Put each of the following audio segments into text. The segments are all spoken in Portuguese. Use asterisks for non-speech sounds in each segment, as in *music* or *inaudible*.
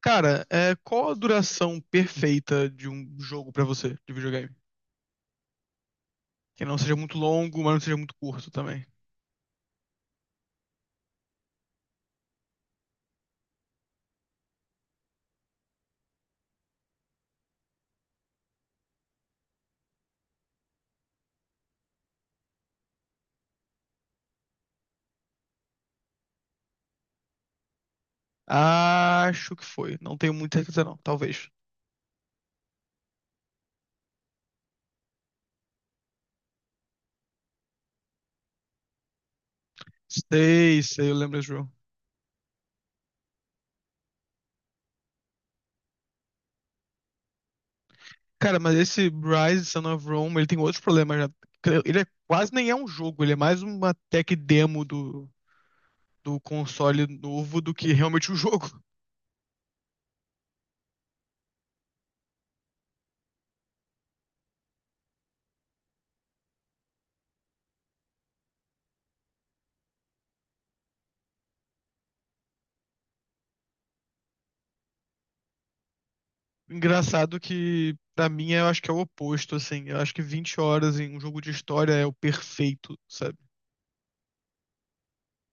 Cara, qual a duração perfeita de um jogo pra você, de videogame? Que não seja muito longo, mas não seja muito curto também. Acho que foi. Não tenho muita certeza, não. Talvez. Sei, sei, eu lembro desse jogo. Cara, mas esse Rise Son of Rome, ele tem outros problemas já. Quase nem é um jogo, ele é mais uma tech demo do, do console novo do que realmente um jogo. *laughs* Engraçado que, pra mim, eu acho que é o oposto, assim. Eu acho que 20 horas em um jogo de história é o perfeito.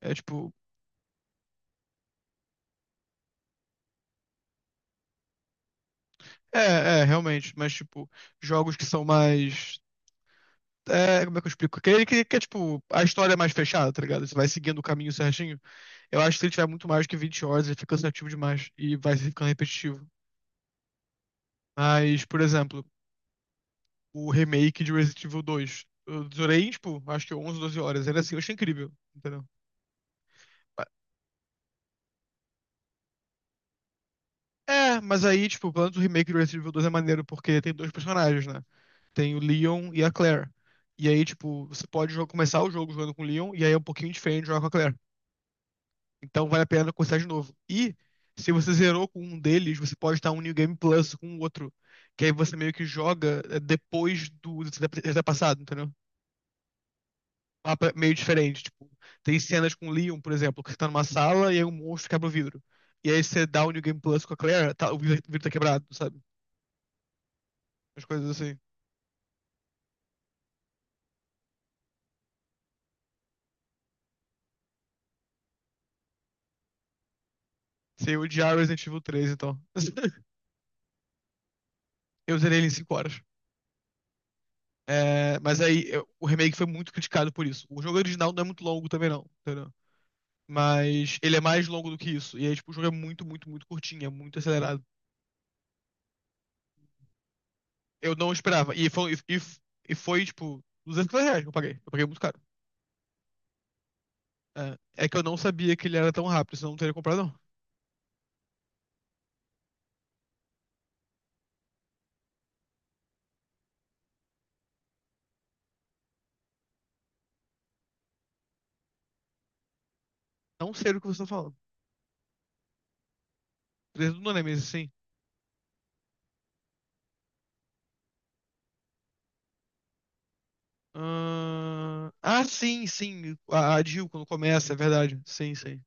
É tipo. É, é, realmente. Mas, tipo, jogos que são mais. É, como é que eu explico? Que é tipo, a história é mais fechada, tá ligado? Você vai seguindo o caminho certinho. Eu acho que se ele tiver muito mais que 20 horas, ele fica cansativo demais e vai ficando repetitivo. Mas, por exemplo, o remake de Resident Evil dois, eu durei, tipo, acho que 11, 12 horas. Era assim, eu achei incrível, entendeu? É, mas aí, tipo, pelo menos o remake do Resident Evil dois é maneiro, porque tem dois personagens, né? Tem o Leon e a Claire. E aí, tipo, você pode começar o jogo jogando com o Leon, e aí é um pouquinho diferente jogar com a Claire. Então vale a pena começar de novo. E se você zerou com um deles, você pode estar um New Game Plus com o outro. Que aí você meio que joga depois do ter passado, entendeu? Um mapa meio diferente. Tipo, tem cenas com o Leon, por exemplo, que você tá numa sala e aí um monstro quebra o vidro. E aí você dá o New Game Plus com a Claire, o vidro tá quebrado, sabe? As coisas assim. Você odiar Resident Evil três então. *laughs* Eu zerei ele em 5 horas. É, mas o remake foi muito criticado por isso. O jogo original não é muito longo também, não, entendeu? Mas ele é mais longo do que isso. E aí, tipo, o jogo é muito, muito, muito curtinho, é muito acelerado. Eu não esperava. E foi, e foi tipo, R$ 200 que eu paguei. Eu paguei muito caro. É, é que eu não sabia que ele era tão rápido, senão eu não teria comprado, não. Não sei do que você tá falando. Três do Nemesis, sim. Ah, sim, sim. A Jill, quando começa, é verdade. Sim, sim.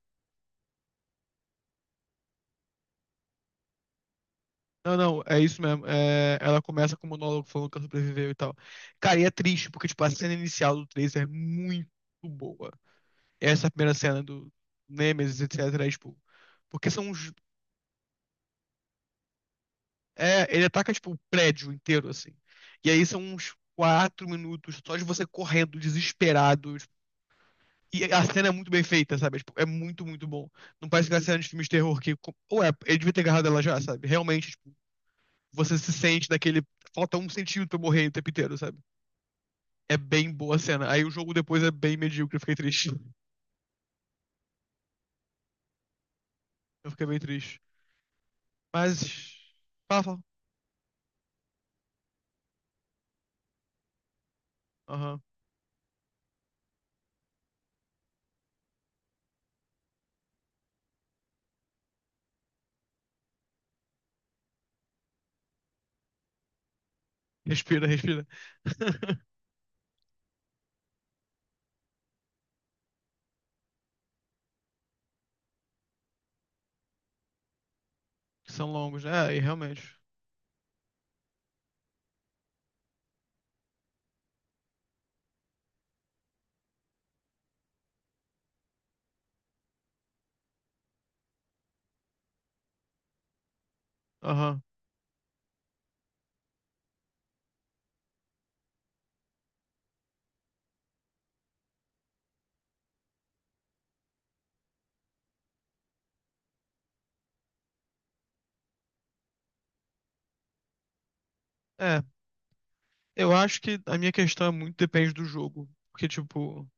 Não, não, é isso mesmo. É, ela começa com o monólogo falando que ela sobreviveu e tal. Cara, e é triste, porque, tipo, a cena inicial do 3 é muito boa. Essa primeira cena do Nemesis, etc. É, tipo, porque são uns. É, ele ataca, tipo, o prédio inteiro, assim. E aí são uns quatro minutos só de você correndo, desesperado. Tipo, e a cena é muito bem feita, sabe? É, tipo, é muito, muito bom. Não parece que é cena de filmes de terror que. Ou é, ele devia ter agarrado ela já, sabe? Realmente, tipo, você se sente naquele. Falta um centímetro pra eu morrer o tempo inteiro, sabe? É bem boa a cena. Aí o jogo depois é bem medíocre, eu fiquei triste. Eu fiquei bem triste. Mas. Fala, fala. Aham. Respira, respira. *laughs* São longos, né? É, e realmente. Aham. É. Eu acho que a minha questão é muito depende do jogo. Porque, tipo,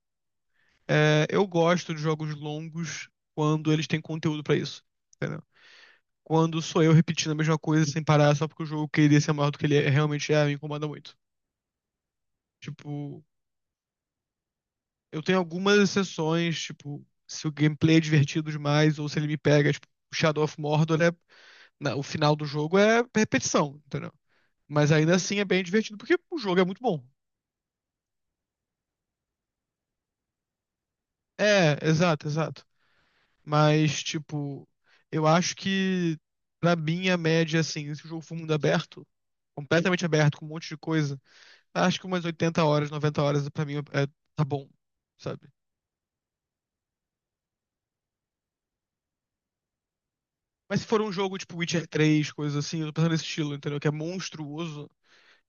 é, eu gosto de jogos longos quando eles têm conteúdo pra isso. Entendeu? Quando sou eu repetindo a mesma coisa sem parar só porque o jogo queria ser maior do que ele realmente é, me incomoda muito. Tipo, eu tenho algumas exceções, tipo, se o gameplay é divertido demais ou se ele me pega, tipo, Shadow of Mordor é o final do jogo é repetição, entendeu? Mas ainda assim é bem divertido porque o jogo é muito bom. É, exato, exato. Mas tipo, eu acho que pra mim a média assim, se o jogo for mundo aberto, completamente aberto com um monte de coisa, acho que umas 80 horas, 90 horas pra mim é, tá bom, sabe? Mas se for um jogo tipo Witcher três coisa assim, eu tô pensando nesse estilo, entendeu? Que é monstruoso.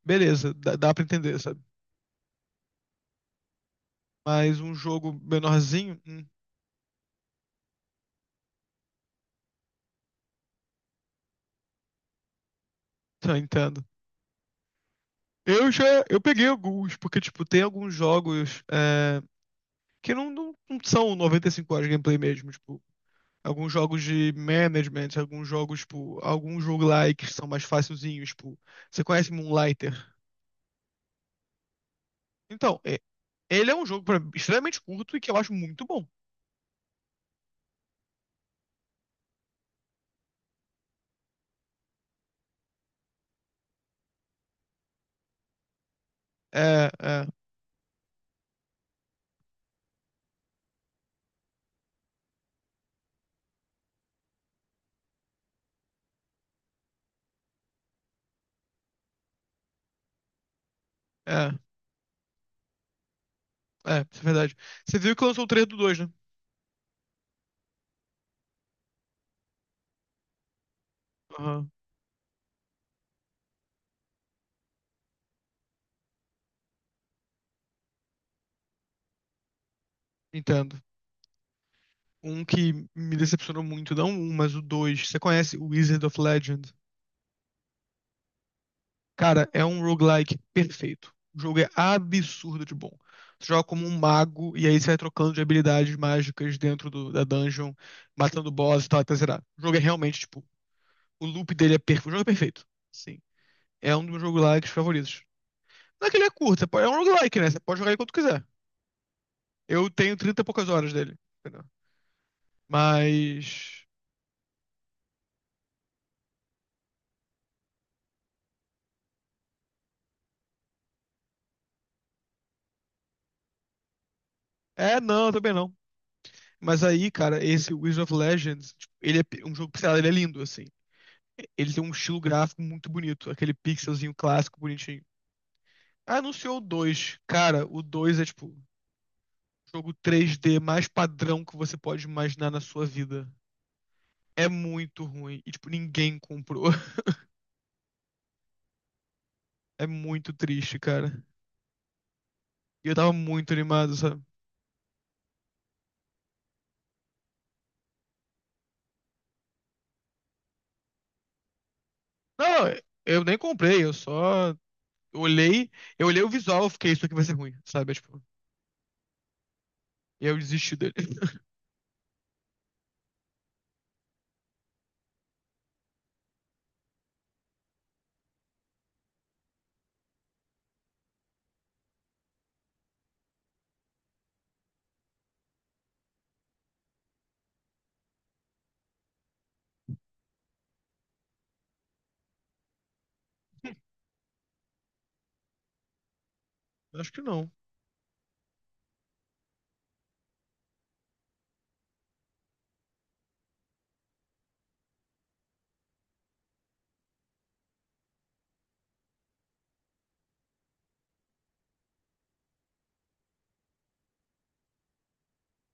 Beleza, dá, dá pra entender, sabe? Mas um jogo menorzinho, tá, entendo. Eu já, eu peguei alguns, porque, tipo, tem alguns jogos que não são 95 horas de gameplay mesmo, tipo, alguns jogos de management, alguns jogos, tipo, alguns jogo lá que são mais facilzinhos, tipo, você conhece Moonlighter? Então, ele é um jogo extremamente curto e que eu acho muito bom. É, é, é, isso é verdade. Você viu que lançou o trailer do 2, né? Aham, entendo. Um que me decepcionou muito, não um, mas o dois. Você conhece o Wizard of Legend? Cara, é um roguelike perfeito. O jogo é absurdo de bom. Você joga como um mago e aí você vai trocando de habilidades mágicas dentro da dungeon, matando boss e tal, até zerar. O jogo é realmente, tipo, o loop dele é perfeito. O jogo é perfeito. Sim. É um dos meus roguelikes favoritos. Não é que ele é curto, é um roguelike, né? Você pode jogar aí quanto quiser. Eu tenho 30 e poucas horas dele. Entendeu? Mas. É, não, também não. Mas aí, cara, esse Wizard of Legends, tipo, ele é um jogo pixelado, ele é lindo, assim. Ele tem um estilo gráfico muito bonito, aquele pixelzinho clássico, bonitinho. Anunciou o 2. Cara, o 2 é tipo o jogo 3D mais padrão que você pode imaginar na sua vida. É muito ruim. E, tipo, ninguém comprou. *laughs* É muito triste, cara. E eu tava muito animado, sabe? Não, eu nem comprei, eu só olhei, eu olhei o visual, eu fiquei, isso aqui vai ser ruim, sabe? É, tipo, e eu desisti dele. *laughs* Acho que não.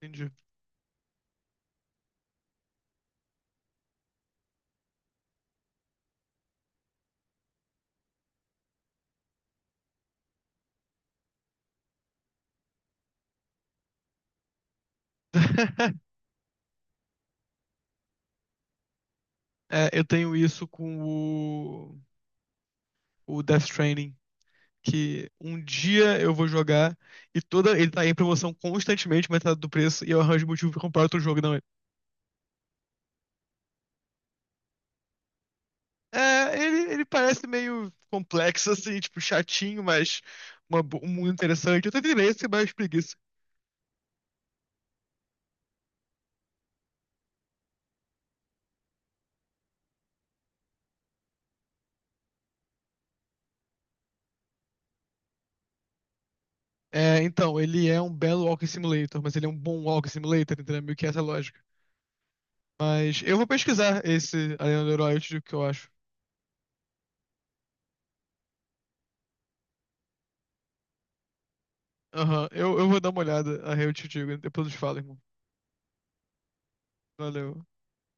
Entendi. *laughs* É, eu tenho isso com o Death Stranding, que um dia eu vou jogar e toda ele tá em promoção constantemente, metade do preço, e eu arranjo motivo pra comprar outro jogo, não. É, é, ele parece meio complexo, assim, tipo, chatinho, mas muito interessante. Eu tenho interesse, mas preguiça. É, então, ele é um belo Walking Simulator, mas ele é um bom Walking Simulator, entendeu? Meio que essa é a lógica. Mas eu vou pesquisar esse Arena do Herói, eu te que eu acho. Aham, eu vou dar uma olhada, aí eu te digo, depois eu te falo, irmão. Valeu.